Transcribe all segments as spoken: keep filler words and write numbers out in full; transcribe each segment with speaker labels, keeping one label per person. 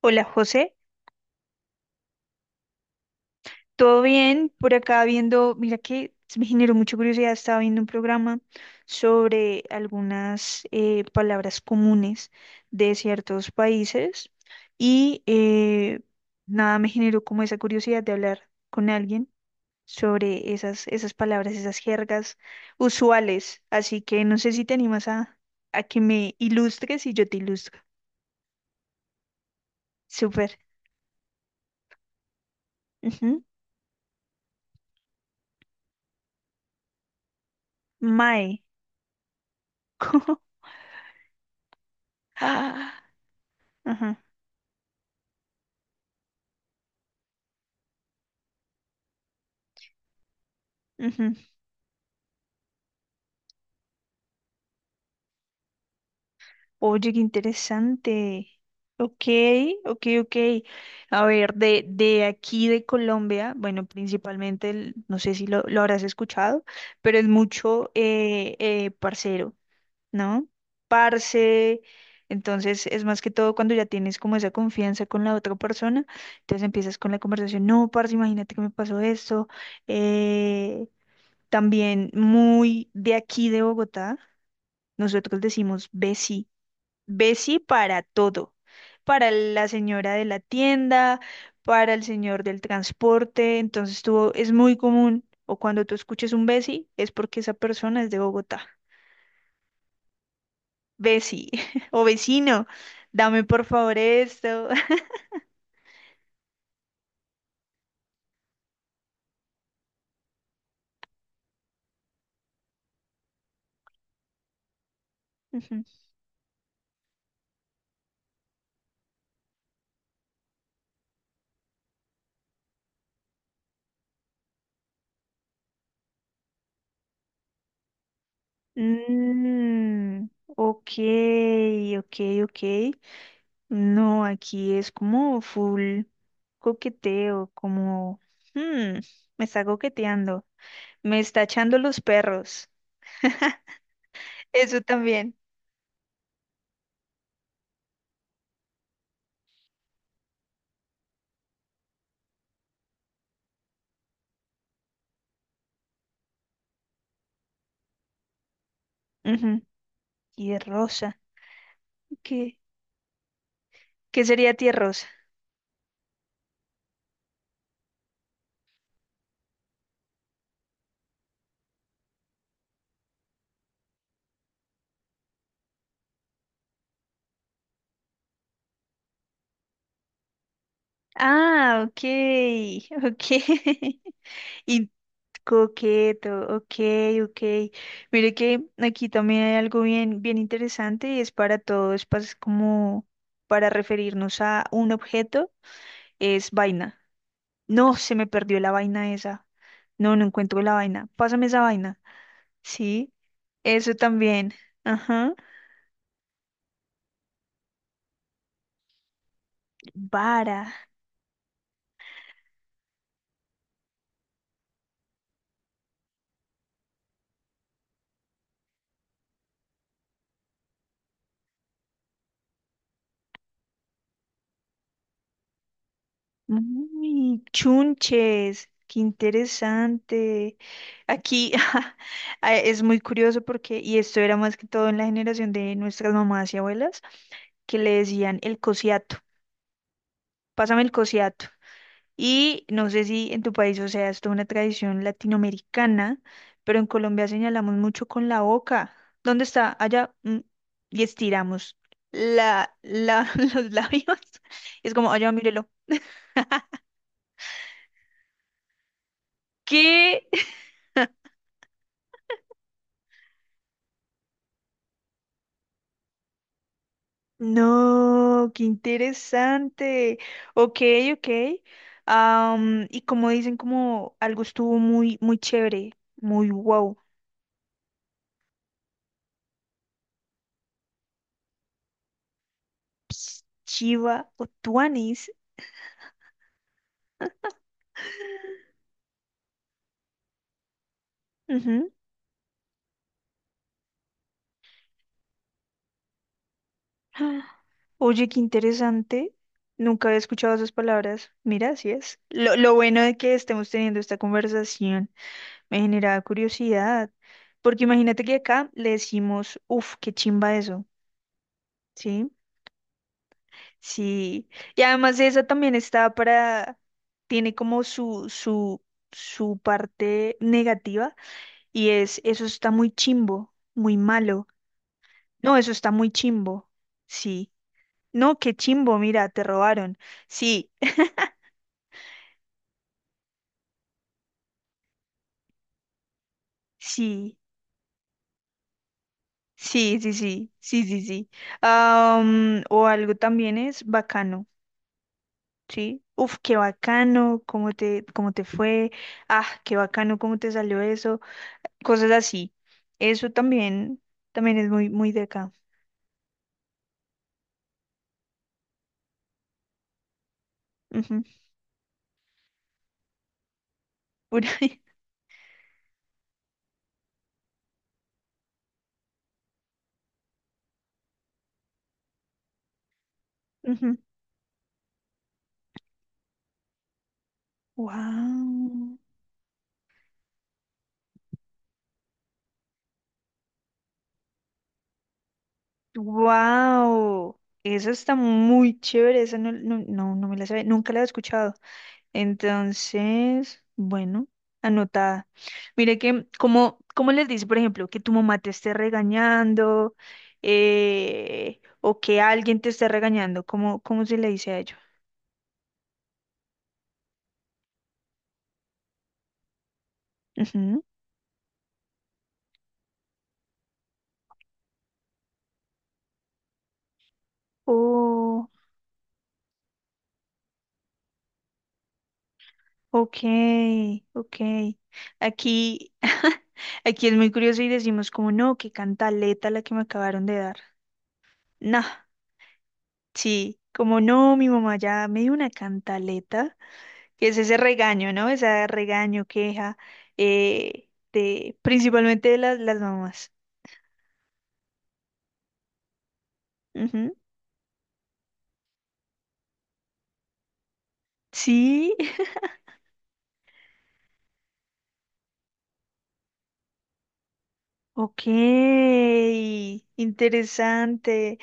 Speaker 1: Hola José, ¿todo bien? Por acá viendo, mira que me generó mucha curiosidad, estaba viendo un programa sobre algunas eh, palabras comunes de ciertos países y eh, nada, me generó como esa curiosidad de hablar con alguien sobre esas, esas palabras, esas jergas usuales. Así que no sé si te animas a, a que me ilustres y yo te ilustro. Súper. Ujú. Mae. Ajá. Ujú. Oye, qué interesante. Ok, ok, ok. A ver, de, de aquí de Colombia, bueno, principalmente, el- no sé si lo, lo habrás escuchado, pero es mucho eh, eh, parcero, ¿no? Parce, entonces es más que todo cuando ya tienes como esa confianza con la otra persona, entonces empiezas con la conversación, no, parce, imagínate que me pasó esto. Eh, también muy de aquí de Bogotá, nosotros decimos besi, Bessie para todo, para la señora de la tienda, para el señor del transporte, entonces tú, es muy común, o cuando tú escuches un Bessie, es porque esa persona es de Bogotá. Bessie, o vecino, dame por favor esto. Ujú. Mm, ok, ok, ok. No, aquí es como full coqueteo, como, hmm, me está coqueteando, me está echando los perros. Eso también. Ujú. Tierrosa. ¿Qué, qué sería tierrosa? Ah, ok, ok. Y coqueto, ok, ok. Mire que aquí también hay algo bien, bien interesante y es para todo, es pas- como para referirnos a un objeto, es vaina. No, se me perdió la vaina esa. No, no encuentro la vaina. Pásame esa vaina. Sí, eso también. Ajá. Vara. Uy, chunches, qué interesante. Aquí ah, es muy curioso porque, y esto era más que todo en la generación de nuestras mamás y abuelas, que le decían el cosiato, pásame el cosiato. Y no sé si en tu país, o sea, esto es toda una tradición latinoamericana, pero en Colombia señalamos mucho con la boca. ¿Dónde está? Allá. Mm. Y estiramos la, la, los labios. Es como, allá, mírelo. ¿Qué? No, qué interesante. Ok, ok. Am, y como dicen, como algo estuvo muy, muy chévere, muy wow. Ps, chiva o tuanis. Ujú. Ah, oye, qué interesante. Nunca había escuchado esas palabras. Mira, así es. Lo, lo bueno de que estemos teniendo esta conversación me generaba curiosidad. Porque imagínate que acá le decimos, uff, qué chimba eso. ¿Sí? Sí, y además esa también está para, tiene como su, su, su parte negativa y es, eso está muy chimbo, muy malo. No, eso está muy chimbo. Sí. No, qué chimbo, mira, te robaron. Sí, sí, sí, sí, sí, sí, sí, sí. Am, o algo también es bacano, ¿sí? Uf, qué bacano, cómo te, cómo te fue. Ah, qué bacano, cómo te salió eso. Cosas así. Eso también, también es muy, muy de acá. Ujú. Por ahí. Ujú. Wow. Wow. Esa está muy chévere. Esa no, no, no, no me la sabía. Nunca la he escuchado. Entonces, bueno, anotada. Mire que, como, como les dice, por ejemplo, que tu mamá te esté regañando, eh, o que alguien te esté regañando, ¿cómo, cómo se le dice a ello? Ujú. Ok, ok. Aquí, aquí es muy curioso y decimos como no, qué cantaleta la que me acabaron de dar. No, sí, como no, mi mamá ya me dio una cantaleta, que es ese regaño, ¿no? Ese regaño, queja, eh, de, principalmente de las, las mamás. Ujú. Sí, ok, interesante.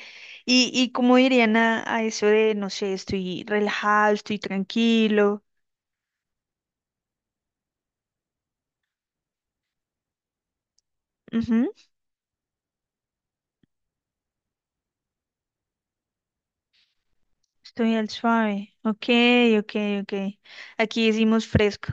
Speaker 1: Y, y cómo dirían a, a eso de, no sé, estoy relajado, estoy tranquilo. Ujú. Estoy al suave. Ok, ok, ok. Aquí decimos fresco.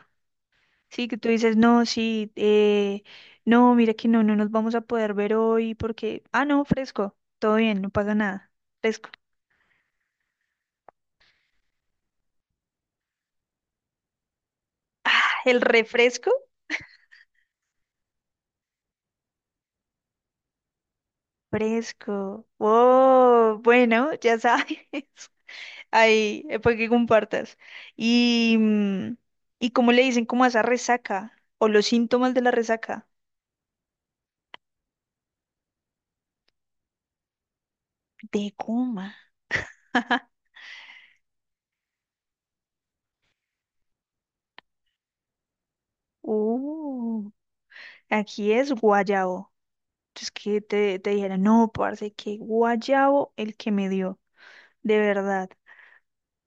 Speaker 1: Sí, que tú dices, no, sí, eh, no, mira que no, no nos vamos a poder ver hoy porque, ah, no, fresco. Todo bien, no pasa nada. Fresco. ¿El refresco? Fresco. Oh, bueno, ya sabes. Ahí, eh, para que compartas. Y, mm, ¿y cómo le dicen como a esa resaca? O los síntomas de la resaca. De coma. Uh. Aquí es guayabo. Entonces que te, te dijera, no, parce, que guayabo el que me dio, de verdad.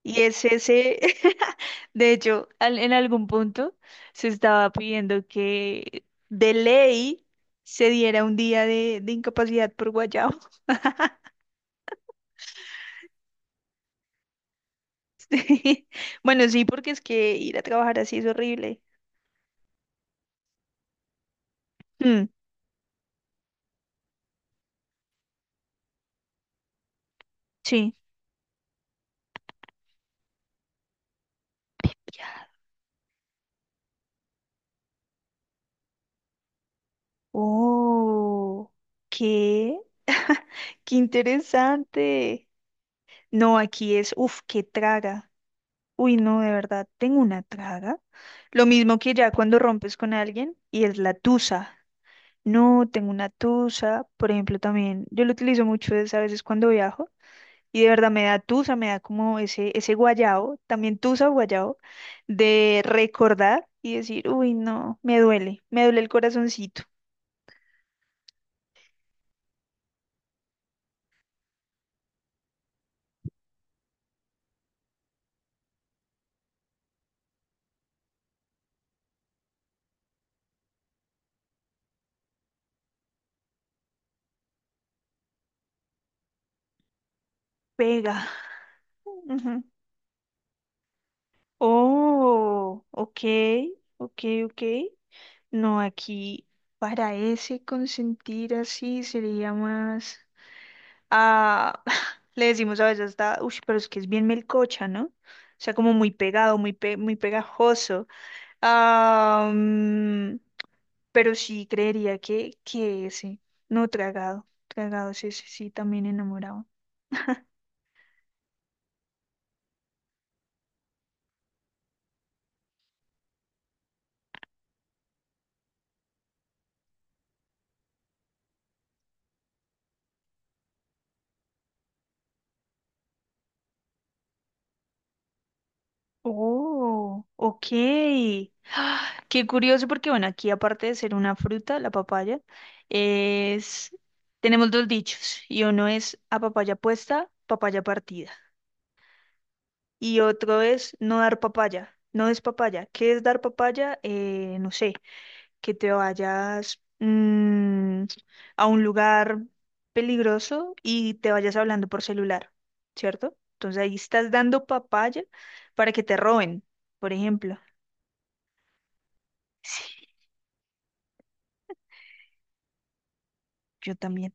Speaker 1: Y es ese, de hecho, al- en algún punto se estaba pidiendo que de ley se diera un día de, de incapacidad por guayabo. Sí. Bueno, sí, porque es que ir a trabajar así es horrible. Mm, sí. Oh, qué, qué interesante. No, aquí es, uff, qué traga. Uy, no, de verdad, tengo una traga. Lo mismo que ya cuando rompes con alguien y es la tusa. No, tengo una tusa, por ejemplo, también. Yo lo utilizo mucho es a veces cuando viajo y de verdad me da tusa, me da como ese, ese guayao, también tusa o guayao, de recordar y decir, uy, no, me duele, me duele el corazoncito. Pega. Ujú. Oh, ok, ok, ok. No, aquí para ese consentir así sería más. Ah, le decimos a veces hasta, uy, pero es que es bien melcocha, ¿no? O sea, como muy pegado, muy, pe- muy pegajoso. Ah, mm, pero sí creería que, que ese, no tragado, tragado, sí, sí, sí, también enamorado. Oh, ok. Ah, qué curioso porque, bueno, aquí aparte de ser una fruta, la papaya, es... tenemos dos dichos y uno es a papaya puesta, papaya partida. Y otro es no dar papaya, no es papaya. ¿Qué es dar papaya? Eh, no sé, que te vayas mm, a un lugar peligroso y te vayas hablando por celular, ¿cierto? Entonces ahí estás dando papaya para que te roben, por ejemplo. Sí, yo también.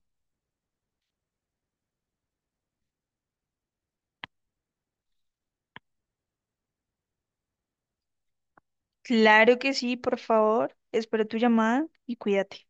Speaker 1: Claro que sí, por favor. Espero tu llamada y cuídate.